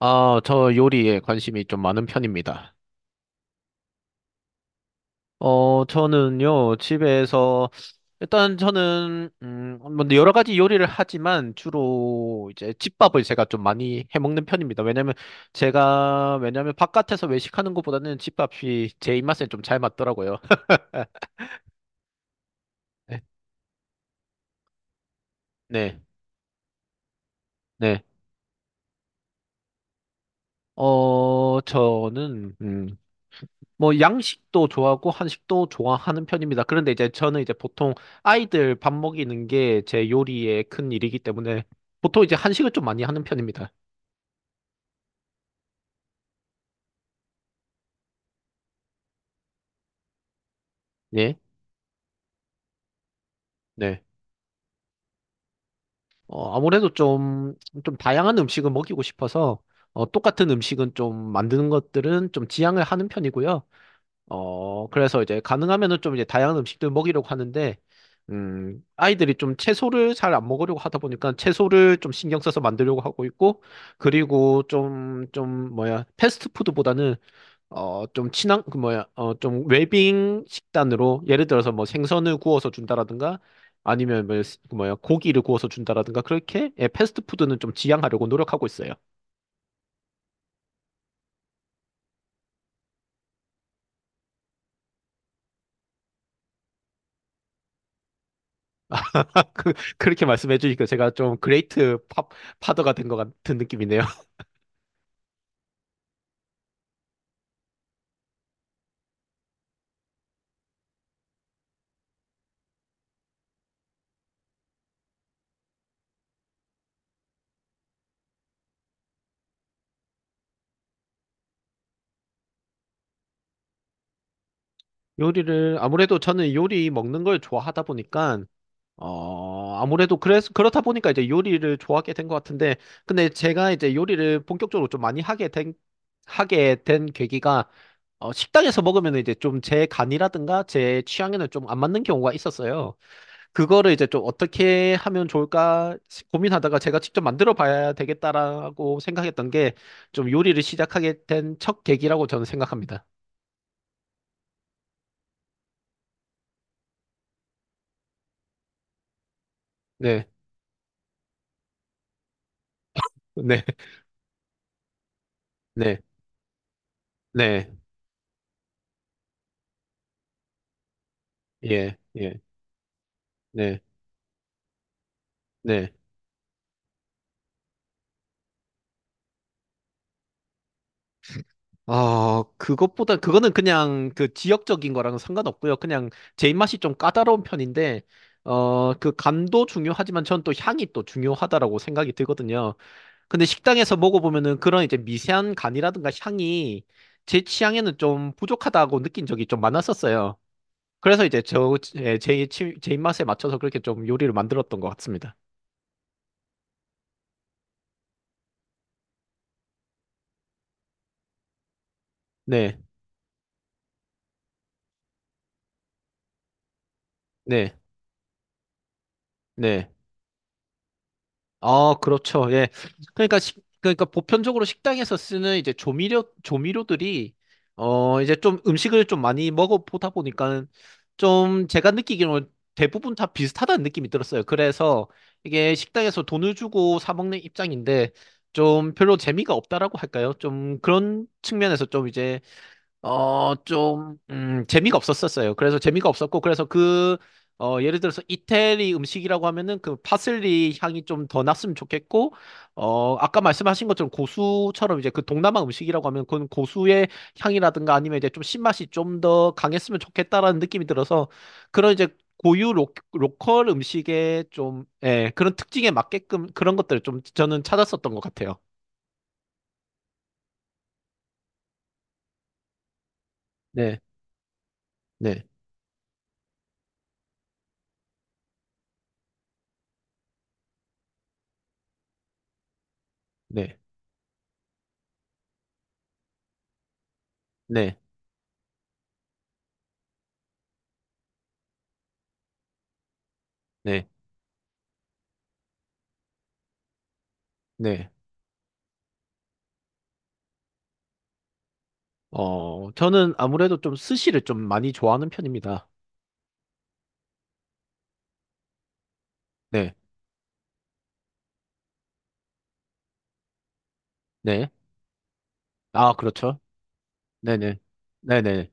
아, 저 요리에 관심이 좀 많은 편입니다. 저는요, 집에서, 일단 저는, 뭐 여러 가지 요리를 하지만 주로 이제 집밥을 제가 좀 많이 해 먹는 편입니다. 왜냐면 제가, 왜냐면 바깥에서 외식하는 것보다는 집밥이 제 입맛에 좀 잘 맞더라고요. 네, 네. 네. 저는, 뭐 양식도 좋아하고 한식도 좋아하는 편입니다. 그런데 이제 저는 보통 아이들 밥 먹이는 게 제 요리의 큰 일이기 때문에 보통 이제 한식을 좀 많이 하는 편입니다. 예. 네. 아무래도 좀 다양한 음식을 먹이고 싶어서 똑같은 음식은 좀 만드는 것들은 좀 지양을 하는 편이고요. 그래서 이제 가능하면은 좀 이제 다양한 음식들 먹이려고 하는데, 아이들이 좀 채소를 잘 안 먹으려고 하다 보니까 채소를 좀 신경 써서 만들려고 하고 있고, 그리고 뭐야, 패스트푸드보다는, 좀 친한, 그 뭐야, 좀 웰빙 식단으로, 예를 들어서 뭐 생선을 구워서 준다라든가, 아니면 뭐, 그 뭐야, 고기를 구워서 준다라든가, 그렇게, 예, 패스트푸드는 좀 지양하려고 노력하고 있어요. 그, 그렇게 말씀해 주니까 제가 좀 그레이트 팝, 파더가 된 것 같은 느낌이네요. 요리를 아무래도 저는 요리 먹는 걸 좋아하다 보니까 아무래도 그래서 그렇다 보니까 이제 요리를 좋아하게 된 것 같은데 근데 제가 이제 요리를 본격적으로 좀 많이 하게 된 계기가 식당에서 먹으면 이제 좀 제 간이라든가 제 취향에는 좀 안 맞는 경우가 있었어요. 그거를 이제 좀 어떻게 하면 좋을까 고민하다가 제가 직접 만들어 봐야 되겠다라고 생각했던 게 좀 요리를 시작하게 된 첫 계기라고 저는 생각합니다. 네, 네, 네, 네. 예, 예, 네, 네. 아, 그것보다, 그거는 그냥 그 지역적인 거랑은 상관없고요. 그냥 제 입맛이 좀 까다로운 편인데, 그 간도 중요하지만 전 또 향이 또 중요하다라고 생각이 들거든요. 근데 식당에서 먹어보면은 그런 이제 미세한 간이라든가 향이 제 취향에는 좀 부족하다고 느낀 적이 좀 많았었어요. 그래서 이제 제 입맛에 맞춰서 그렇게 좀 요리를 만들었던 것 같습니다. 네, 네, 네. 아, 그렇죠. 예. 그러니까 그러니까 보편적으로 식당에서 쓰는 이제 조미료들이 이제 좀 음식을 좀 많이 먹어 보다 보니까 좀 제가 느끼기로는 대부분 다 비슷하다는 느낌이 들었어요. 그래서 이게 식당에서 돈을 주고 사 먹는 입장인데 좀 별로 재미가 없다라고 할까요? 좀 그런 측면에서 좀 이제 재미가 없었었어요. 그래서 재미가 없었고, 그래서 예를 들어서 이태리 음식이라고 하면은 그 파슬리 향이 좀 더 났으면 좋겠고, 아까 말씀하신 것처럼 고수처럼 이제 그 동남아 음식이라고 하면 그건 고수의 향이라든가 아니면 이제 좀 신맛이 좀 더 강했으면 좋겠다라는 느낌이 들어서 그런 이제 고유 로컬 음식의 좀, 예, 그런 특징에 맞게끔 그런 것들을 좀 저는 찾았었던 것 같아요. 네, 네, 네, 네, 네, 네. 저는 아무래도 좀 스시를 좀 많이 좋아하는 편입니다. 네, 네. 아, 그렇죠. 네네. 네네.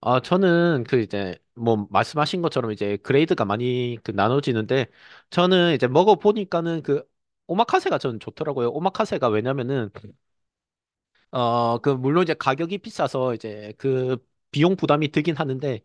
아, 저는 그 이제 뭐 말씀하신 것처럼 이제 그레이드가 많이 그 나눠지는데 저는 이제 먹어보니까는 그 오마카세가 저는 좋더라고요. 오마카세가 왜냐면은 물론 이제 가격이 비싸서 이제 그 비용 부담이 들긴 하는데,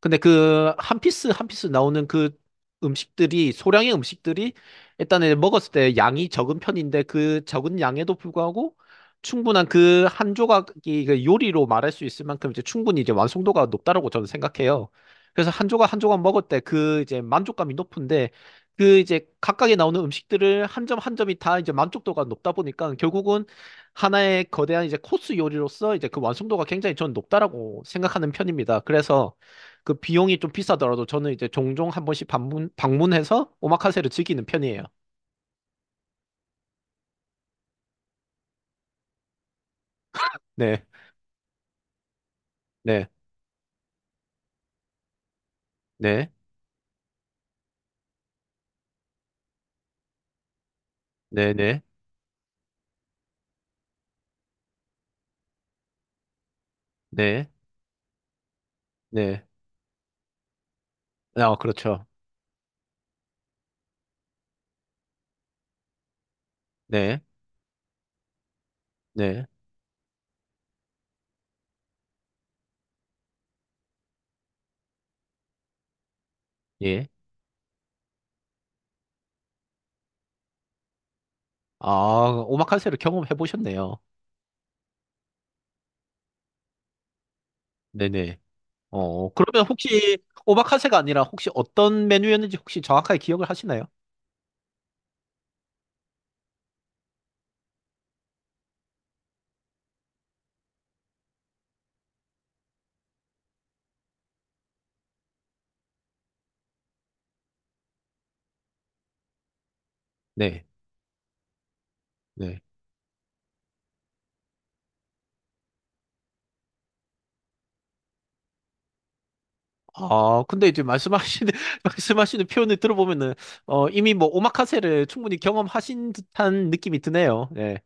근데 그 한 피스 한 피스 나오는 그 음식들이, 소량의 음식들이 일단은 먹었을 때 양이 적은 편인데 그 적은 양에도 불구하고 충분한 그 한 조각이 그 요리로 말할 수 있을 만큼 이제 충분히 이제 완성도가 높다라고 저는 생각해요. 그래서 한 조각 한 조각 먹을 때 그 이제 만족감이 높은데 그 이제 각각에 나오는 음식들을 한 점 한 점이 다 이제 만족도가 높다 보니까 결국은 하나의 거대한 이제 코스 요리로서 이제 그 완성도가 굉장히 저는 높다라고 생각하는 편입니다. 그래서 그 비용이 좀 비싸더라도 저는 이제 종종 한 번씩 방문해서 오마카세를 즐기는 편이에요. 네, 네, 네, 네, 네, 네, 네. 아, 그렇죠. 네, 네, 예. 아, 오마카세를 경험해 보셨네요. 네네. 그러면 혹시 오마카세가 아니라 혹시 어떤 메뉴였는지 혹시 정확하게 기억을 하시나요? 네, 네. 아, 근데 이제 말씀하시는, 말씀하시는 표현을 들어보면은, 이미 뭐, 오마카세를 충분히 경험하신 듯한 느낌이 드네요. 네,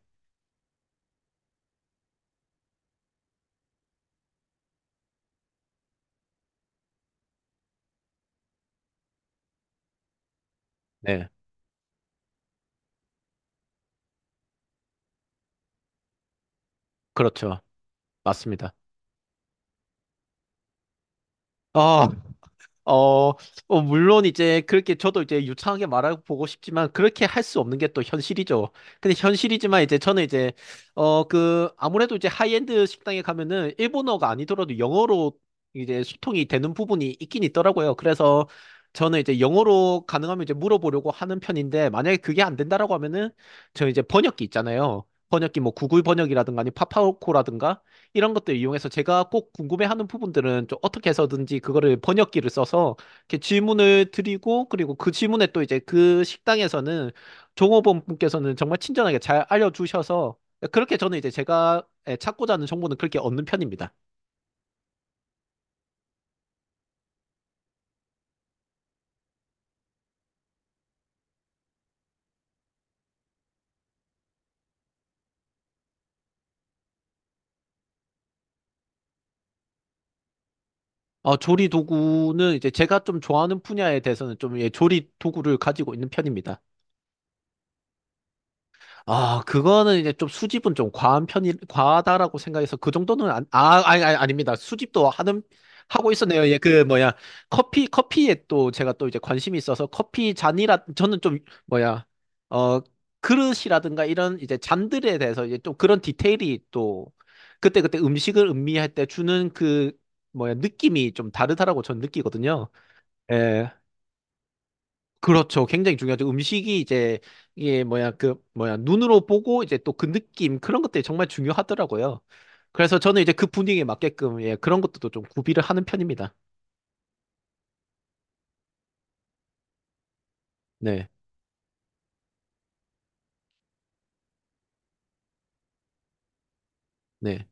네, 그렇죠. 맞습니다. 아, 어, 물론 이제 그렇게 저도 이제 유창하게 말하고 보고 싶지만 그렇게 할 수 없는 게 또 현실이죠. 근데 현실이지만 이제 저는 이제 아무래도 이제 하이엔드 식당에 가면은 일본어가 아니더라도 영어로 이제 소통이 되는 부분이 있긴 있더라고요. 그래서 저는 이제 영어로 가능하면 이제 물어보려고 하는 편인데 만약에 그게 안 된다라고 하면은 저 이제 번역기 있잖아요. 번역기 뭐 구글 번역이라든가 아니 파파고라든가 이런 것들 이용해서 제가 꼭 궁금해하는 부분들은 좀 어떻게 해서든지 그거를 번역기를 써서 이렇게 질문을 드리고 그리고 그 질문에 또 이제 그 식당에서는 종업원 분께서는 정말 친절하게 잘 알려주셔서 그렇게 저는 이제 제가 예, 찾고자 하는 정보는 그렇게 얻는 편입니다. 조리 도구는 이제 제가 좀 좋아하는 분야에 대해서는 좀 예, 조리 도구를 가지고 있는 편입니다. 아, 그거는 이제 좀 수집은 좀 과하다라고 생각해서 그 정도는 안, 아, 아니, 아니, 아닙니다. 수집도 하고 있었네요. 예, 그, 뭐야, 커피에 또 제가 또 이제 관심이 있어서 저는 좀, 뭐야, 어, 그릇이라든가 이런 이제 잔들에 대해서 이제 좀 그런 디테일이 또 그때그때 음식을 음미할 때 주는 그, 뭐야, 느낌이 좀 다르다라고 저는 느끼거든요. 예. 그렇죠. 굉장히 중요하죠. 음식이 이제 이게 뭐야 그 뭐야 눈으로 보고 이제 또 그 느낌 그런 것들이 정말 중요하더라고요. 그래서 저는 이제 그 분위기에 맞게끔 예 그런 것도 좀 구비를 하는 편입니다. 네, 네.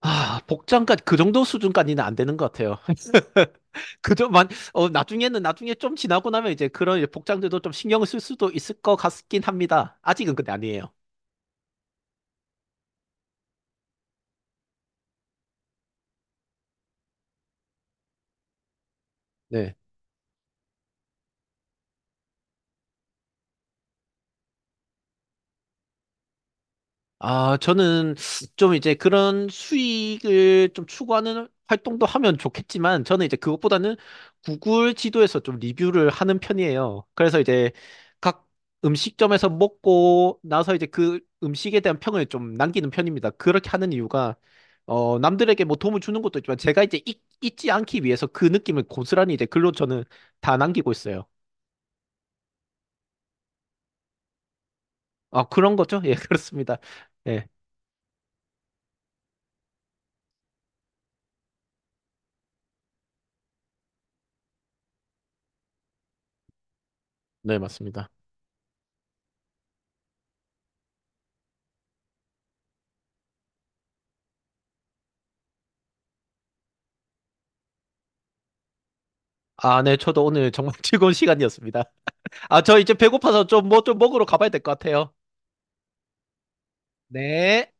아 복장까지 그 정도 수준까지는 안 되는 것 같아요. 그저만 어 나중에 좀 지나고 나면 이제 그런 이제 복장들도 좀 신경을 쓸 수도 있을 것 같긴 합니다. 아직은 근데 아니에요. 네. 아, 저는 좀 이제 그런 수익을 좀 추구하는 활동도 하면 좋겠지만, 저는 이제 그것보다는 구글 지도에서 좀 리뷰를 하는 편이에요. 그래서 이제 각 음식점에서 먹고 나서 이제 그 음식에 대한 평을 좀 남기는 편입니다. 그렇게 하는 이유가, 남들에게 뭐 도움을 주는 것도 있지만, 제가 이제 잊지 않기 위해서 그 느낌을 고스란히 이제 글로 저는 다 남기고 있어요. 아, 그런 거죠? 예, 그렇습니다. 네, 네, 맞습니다. 아, 네, 저도 오늘 정말 즐거운 시간이었습니다. 아, 저 이제 배고파서 좀 뭐 좀 먹으러 가봐야 될 것 같아요. 네.